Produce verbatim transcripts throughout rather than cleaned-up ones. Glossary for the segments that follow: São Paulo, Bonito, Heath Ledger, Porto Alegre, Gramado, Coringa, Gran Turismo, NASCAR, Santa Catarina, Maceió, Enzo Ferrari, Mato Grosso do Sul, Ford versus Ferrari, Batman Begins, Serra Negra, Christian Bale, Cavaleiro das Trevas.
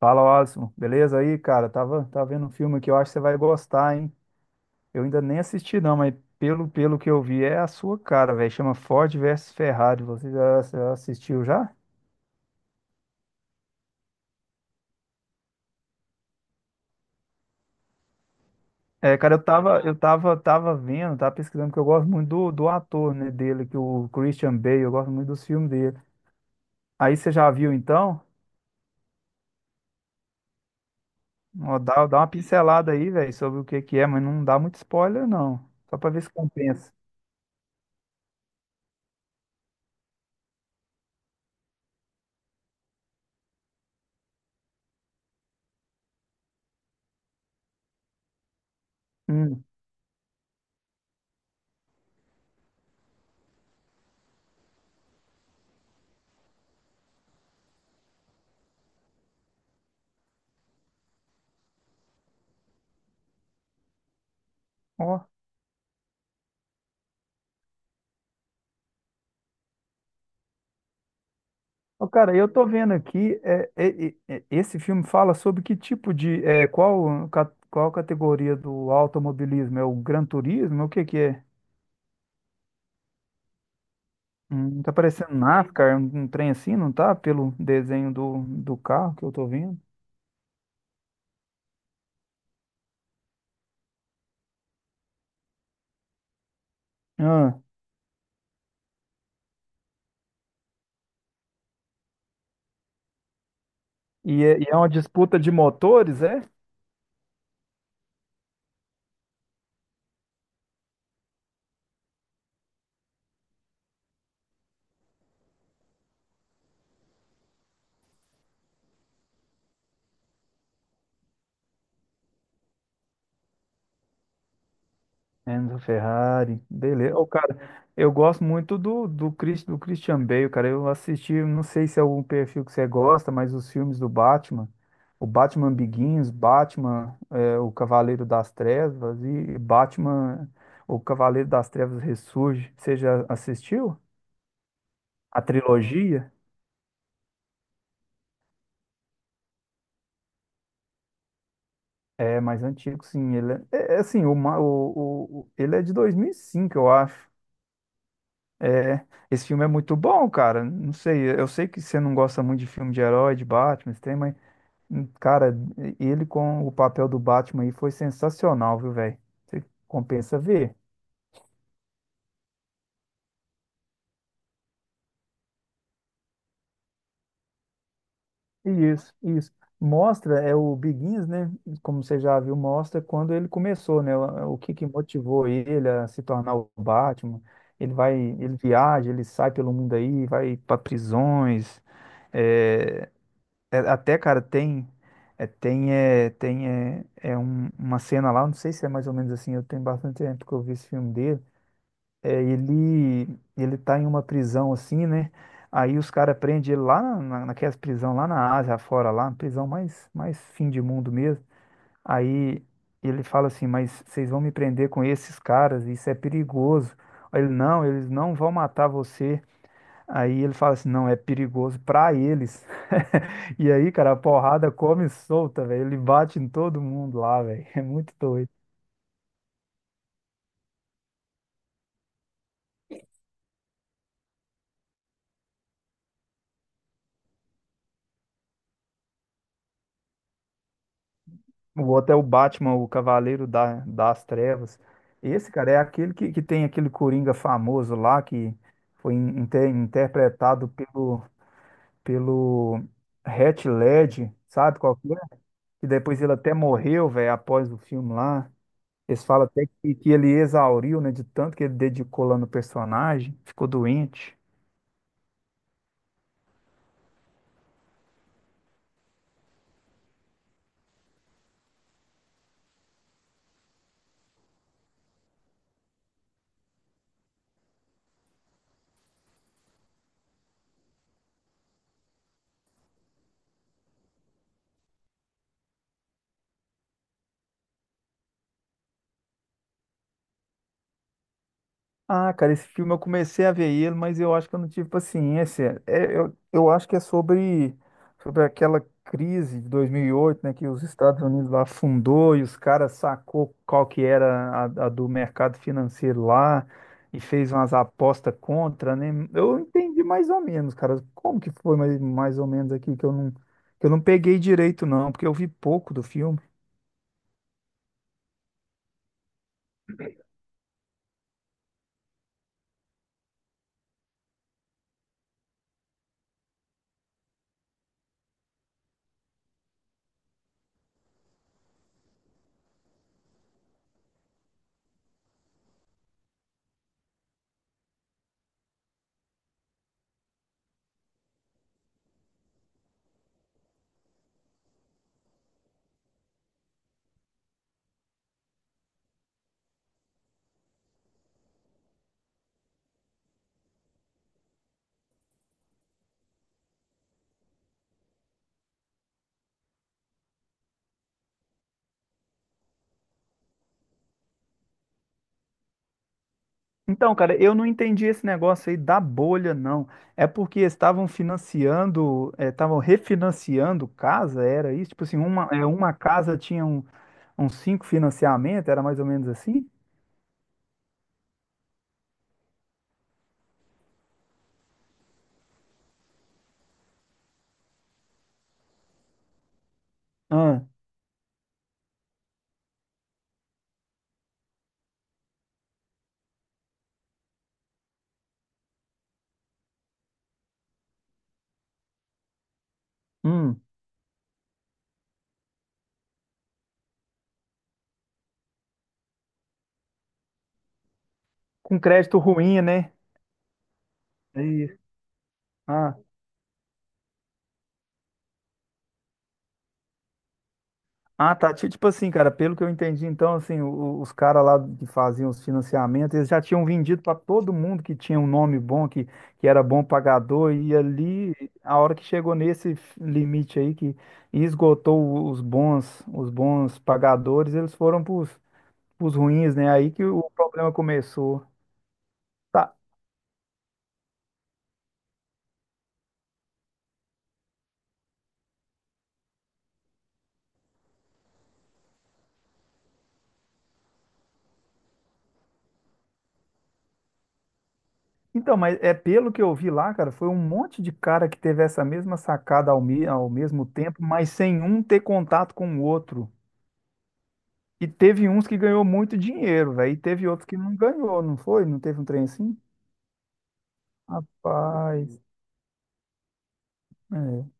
Fala, Alisson. Beleza aí, cara? Tava, tava vendo um filme que eu acho que você vai gostar, hein? Eu ainda nem assisti, não, mas pelo, pelo que eu vi, é a sua cara, velho. Chama Ford versus Ferrari. Você já, já assistiu já? É, cara, eu tava, eu tava, tava vendo, tava pesquisando, porque eu gosto muito do, do ator, né, dele, que o Christian Bale, eu gosto muito dos filmes dele. Aí você já viu, então? Ó, Dá, dá uma pincelada aí, velho, sobre o que que é, mas não dá muito spoiler, não. Só pra ver se compensa. Hum, ó. Ô, cara, eu tô vendo aqui, é, é, é, é, esse filme fala sobre que tipo de, é, qual, ca- qual categoria do automobilismo? É o Gran Turismo? O que que é? Hum, tá parecendo NASCAR, um, um trem assim, não tá? Pelo desenho do, do carro que eu tô vendo. Ah, e é, e é uma disputa de motores, é? Enzo Ferrari, beleza. Ô, cara, eu gosto muito do, do, Chris, do Christian Bale, cara. Eu assisti, não sei se é algum perfil que você gosta, mas os filmes do Batman, o Batman Begins, Batman, é, o Cavaleiro das Trevas e Batman, o Cavaleiro das Trevas Ressurge. Você já assistiu? A trilogia? É mais antigo, sim. Ele é, é é assim, o, ma- o, o, o- ele é de dois mil e cinco, eu acho. É, esse filme é muito bom, cara. Não sei, eu sei que você não gosta muito de filme de herói, de Batman, esse trem, mas, hum, cara, ele com o papel do Batman aí foi sensacional, viu, velho? Você compensa ver. Isso, isso. Mostra, é o Begins, né? Como você já viu, mostra quando ele começou, né? O, o que que motivou ele a se tornar o Batman. Ele vai, ele viaja, ele sai pelo mundo aí, vai para prisões, é, é, até, cara, tem. É, tem é, tem é, é um- uma cena lá, eu não sei se é mais ou menos assim, eu tenho bastante tempo que eu vi esse filme dele. É, ele, ele tá em uma prisão assim, né? Aí os caras prendem ele lá na, na- naquelas prisão lá na Ásia, fora lá, prisão mais, mais fim de mundo mesmo. Aí ele fala assim, mas vocês vão me prender com esses caras, isso é perigoso. Aí ele, não, eles não vão matar você. Aí ele fala assim, não, é perigoso pra eles. E aí, cara, a porrada come solta, velho. Ele bate em todo mundo lá, velho. É muito doido. O outro é o Batman, o Cavaleiro da- das Trevas. Esse, cara, é aquele que, que tem aquele Coringa famoso lá, que foi in- inter- interpretado pelo, pelo Heath Ledger, sabe qual que é? E depois ele até morreu, velho, após o filme lá. Eles falam até que, que ele exauriu, né, de tanto que ele dedicou lá no personagem, ficou doente. Ah, cara, esse filme eu comecei a ver ele, mas eu acho que eu não tive paciência. É, eu, eu acho que é sobre, sobre aquela crise de dois mil e oito, né, que os Estados Unidos lá afundou e os caras sacou qual que era a, a do mercado financeiro lá e fez umas apostas contra, né? Eu entendi mais ou menos, cara. Como que foi mais, mais ou menos aqui que eu não, que eu não peguei direito, não, porque eu vi pouco do filme. Então, cara, eu não entendi esse negócio aí da bolha, não. É porque estavam financiando, eh, estavam refinanciando casa, era isso? Tipo assim, uma, é, uma casa tinha um, uns cinco financiamentos, era mais ou menos assim? Ah, hum, com crédito ruim, né? É isso. Ah. Ah, tá. Ti- Tipo assim, cara, pelo que eu entendi, então, assim, o- os caras lá que faziam os financiamentos, eles já tinham vendido para todo mundo que tinha um nome bom, que, que era bom pagador, e ali, a hora que chegou nesse f- limite aí, que esgotou o- os bons, os bons pagadores, eles foram pros, pros ruins, né? Aí que o problema começou. Tá. Então, mas é pelo que eu vi lá, cara, foi um monte de cara que teve essa mesma sacada ao, me- ao mesmo tempo, mas sem um ter contato com o outro. E teve uns que ganhou muito dinheiro, velho. E teve outros que não ganhou, não foi? Não teve um trem assim? Rapaz. É.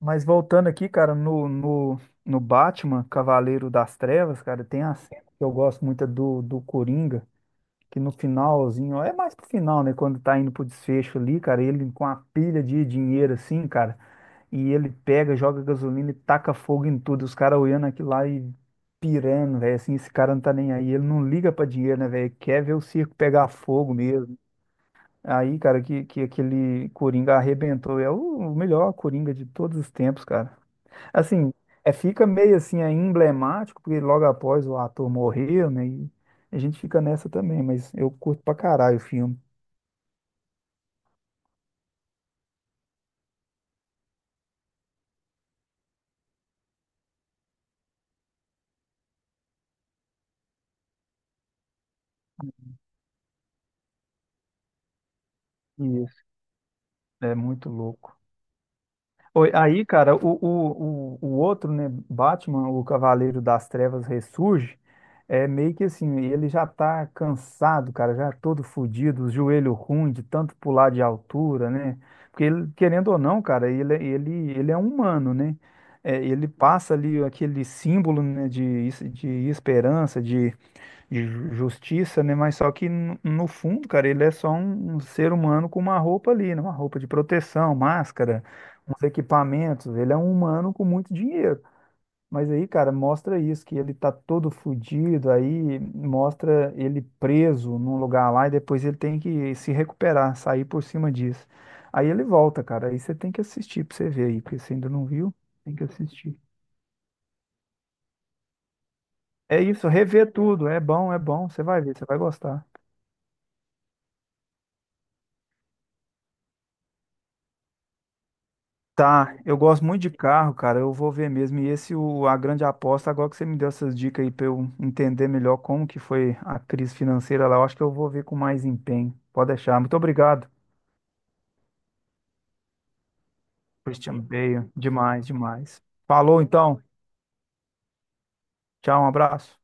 Mas voltando aqui, cara, no, no, no Batman, Cavaleiro das Trevas, cara, tem a cena que eu gosto muito é do, do Coringa, que no finalzinho, ó, é mais pro final, né? Quando tá indo pro desfecho ali, cara, ele com a pilha de dinheiro assim, cara. E ele pega, joga gasolina e taca fogo em tudo. Os caras olhando aquilo lá e pirando, velho. Assim, esse cara não tá nem aí. Ele não liga pra dinheiro, né, velho? Quer ver o circo pegar fogo mesmo. Aí, cara, que, que aquele Coringa arrebentou. É o o melhor Coringa de todos os tempos, cara. Assim, é, fica meio assim, é emblemático, porque logo após o ator morreu, né? E a gente fica nessa também, mas eu curto pra caralho o filme. Isso, é muito louco. Oi, aí, cara, o, o, o, o outro, né, Batman, o Cavaleiro das Trevas ressurge, é meio que assim, ele já tá cansado, cara, já todo fudido, os joelho ruim de tanto pular de altura, né? Porque ele, querendo ou não, cara, ele, ele, ele é um humano, né? É, ele passa ali aquele símbolo, né, de, es- de esperança, de ju- justiça, né? Mas só que no no fundo, cara, ele é só um, um ser humano com uma roupa ali, né? Uma roupa de proteção, máscara, uns equipamentos. Ele é um humano com muito dinheiro. Mas aí, cara, mostra isso, que ele tá todo fudido, aí mostra ele preso num lugar lá e depois ele tem que se recuperar, sair por cima disso. Aí ele volta, cara. Aí você tem que assistir pra você ver aí, porque você ainda não viu, tem que assistir. É isso, rever tudo. É bom, é bom. Você vai ver, você vai gostar. Tá, eu gosto muito de carro, cara. Eu vou ver mesmo. E esse, o, a grande aposta, agora que você me deu essas dicas aí pra eu entender melhor como que foi a crise financeira lá, eu acho que eu vou ver com mais empenho. Pode deixar. Muito obrigado, Christian Bale. Demais, demais. Falou então. Tchau, um abraço.